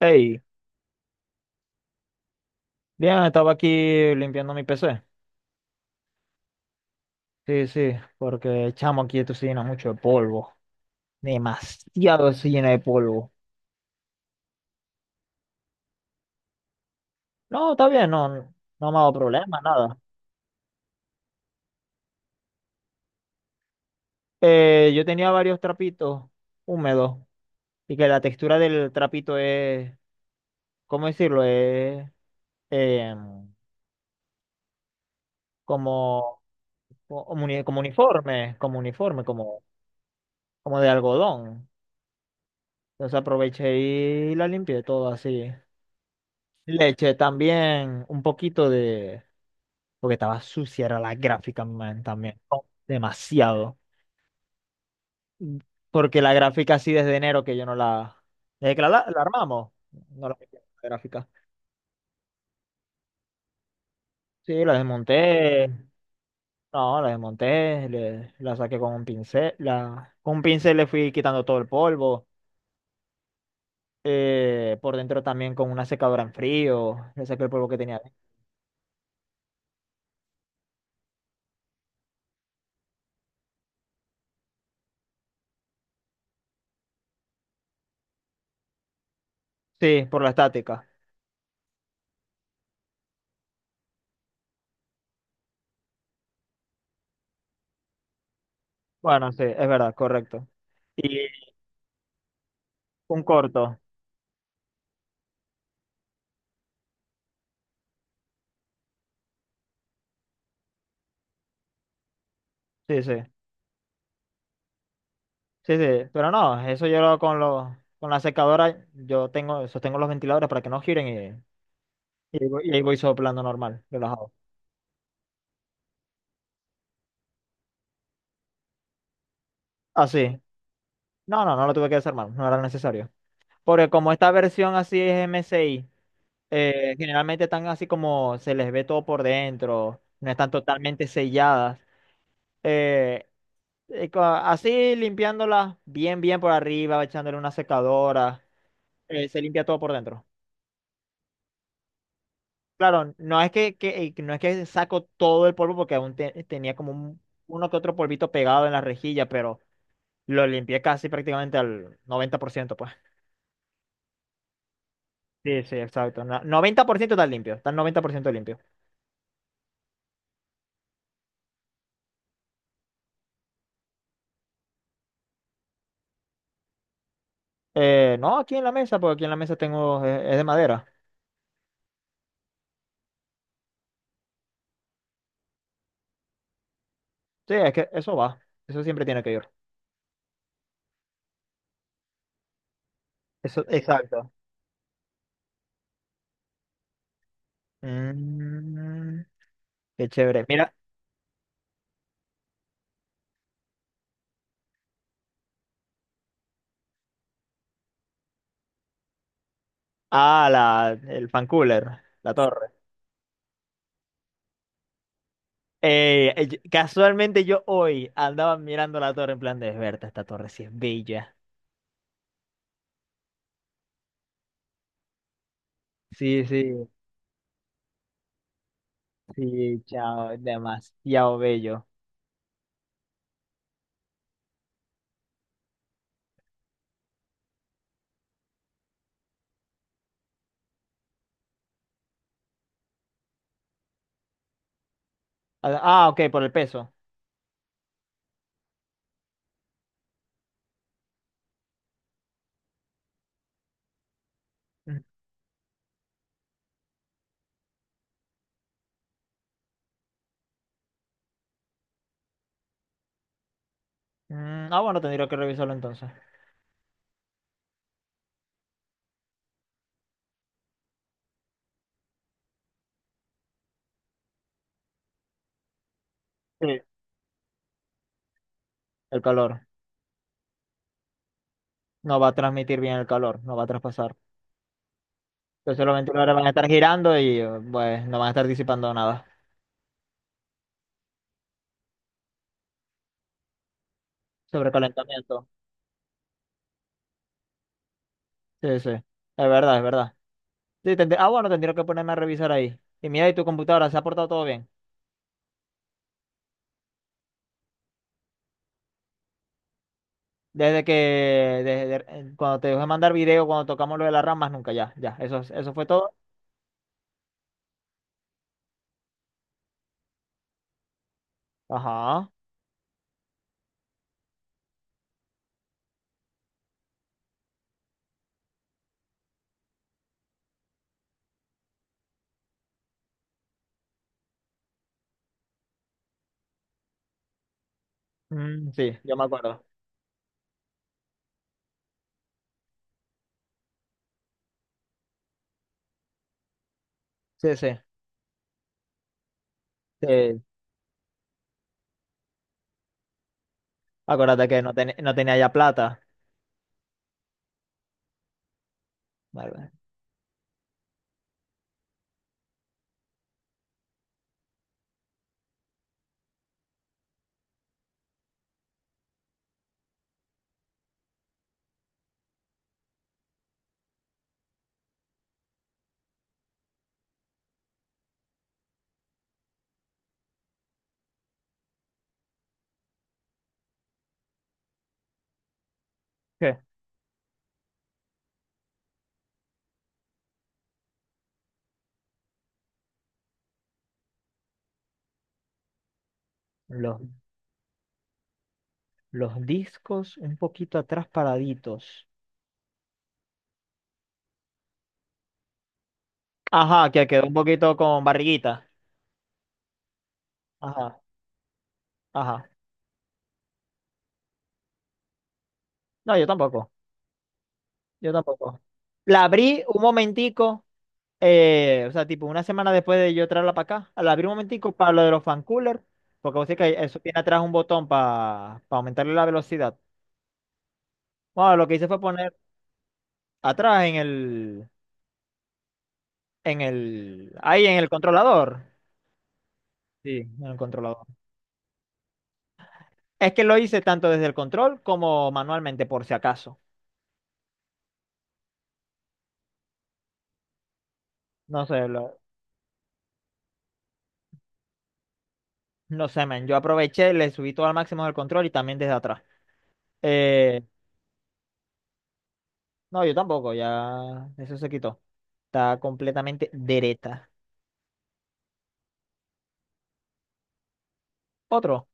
Hey, bien, estaba aquí limpiando mi PC. Sí, sí, porque chamo aquí esto se llena mucho de polvo. Demasiado se llena de polvo. No, está bien, no, no me ha dado problema, nada. Yo tenía varios trapitos húmedos y que la textura del trapito es, ¿cómo decirlo? Es em, como, como uniforme, como uniforme, como, como de algodón. Entonces aproveché y la limpié todo así. Leche también, un poquito porque estaba sucia, era la gráfica, man, también. No, demasiado. Mm, Porque la gráfica así desde enero que yo no la... Desde que la armamos, no la metí en la gráfica. Sí, la desmonté. No, la desmonté, la saqué con un pincel. La, con un pincel le fui quitando todo el polvo. Por dentro también con una secadora en frío. Le saqué el polvo que tenía. Sí, por la estática. Bueno, sí, es verdad, correcto. Y un corto. Sí, sí. Sí, sí, pero no, con los, con la secadora, yo tengo, sostengo los ventiladores para que no giren y, ahí voy soplando normal, relajado. Así. No, no, no lo tuve que desarmar, no era necesario. Porque como esta versión así es MSI, generalmente están así como se les ve todo por dentro, no están totalmente selladas. eh, así limpiándolas bien, bien por arriba, echándole una secadora, se limpia todo por dentro. Claro, no es que saco todo el polvo porque tenía como uno que otro polvito pegado en la rejilla, pero lo limpié casi prácticamente al 90%, pues. Sí, sí, exacto. 90% está limpio, está 90% limpio. No, aquí en la mesa, porque aquí en la mesa tengo, es, de madera. Sí, es que eso va, eso siempre tiene que ir. Eso, exacto. Mm, qué chévere. Mira, ah, la, el fan cooler, la torre. Casualmente yo hoy andaba mirando la torre en plan de Berta, esta torre sí es bella. Sí, sí, sí, chao, demasiado bello. Ah, ah, ok, por el peso. Mm, mm, ah, bueno, tendría que revisarlo entonces. Sí. El calor. No va a transmitir bien el calor, no va a traspasar. Entonces los ventiladores van a estar girando y pues no van a estar disipando nada. Sobrecalentamiento. Sí, sí. Es verdad, es verdad. Sí, ah, bueno, tendría que ponerme a revisar ahí. Y mira, ¿y tu computadora? ¿Se ha portado todo bien? Desde que, desde, cuando te dejé mandar video, cuando tocamos lo de las ramas, nunca, ya, ya, eso fue todo. Ajá, mm, sí, yo me acuerdo. Sí, sí, sí. Acuérdate que no, no tenía ya plata. Vale. ¿Qué? Los, los discos un poquito atrás paraditos. Ajá, que quedó un poquito con barriguita. Ajá, ajá. No, yo tampoco, yo tampoco. La abrí un momentico. O sea, tipo, una semana después de yo traerla para acá, la abrí un momentico para lo de los fan coolers, porque vos sabés que eso tiene atrás un botón para aumentarle la velocidad. Bueno, lo que hice fue poner atrás ahí en el controlador. Sí, en el controlador. Es que lo hice tanto desde el control como manualmente, por si acaso. No sé, lo- no sé, men. Yo aproveché, le subí todo al máximo del control y también desde atrás. Eh, no, yo tampoco, ya eso se quitó. Está completamente dereta. Otro.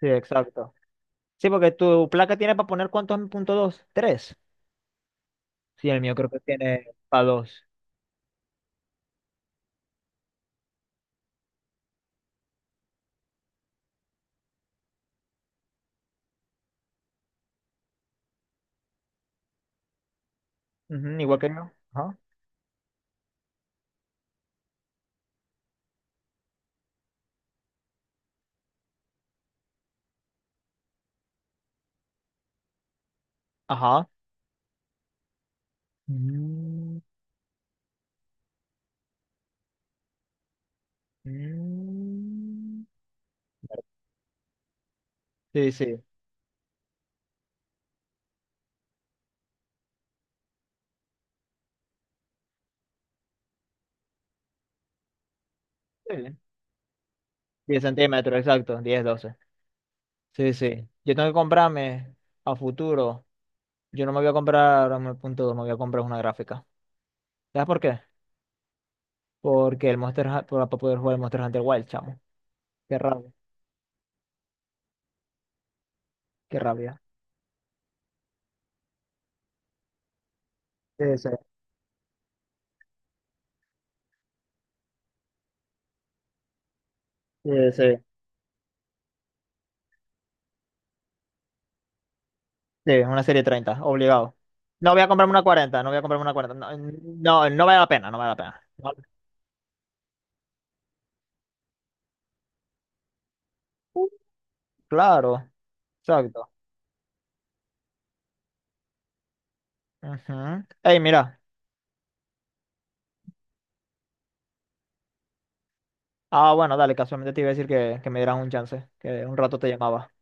Sí, exacto. Sí, porque tu placa tiene para poner cuántos en punto dos, tres. Sí, el mío creo que tiene para dos. Ujú, igual que yo. Ajá. Ajá. Mm, mm. Sí, sí. Sí. 10 centímetros, exacto. Diez doce. Sí, sí. Yo tengo que comprarme a futuro. Yo no me voy a comprar un punto dos, me voy a comprar una gráfica. ¿Sabes por qué? Porque el Monster Hunter, para poder jugar el Monster Hunter Wild, chamo. Qué rabia, qué rabia. Sí, sí, sí, sí. Sí, una serie 30, obligado. No voy a comprarme una 40, no voy a comprarme una 40. No, no, no vale la pena, no vale la pena. No- uh, claro, exacto. Ujú. Ey, mira. Ah, bueno, dale, casualmente te iba a decir que me dieras un chance, que un rato te llamaba.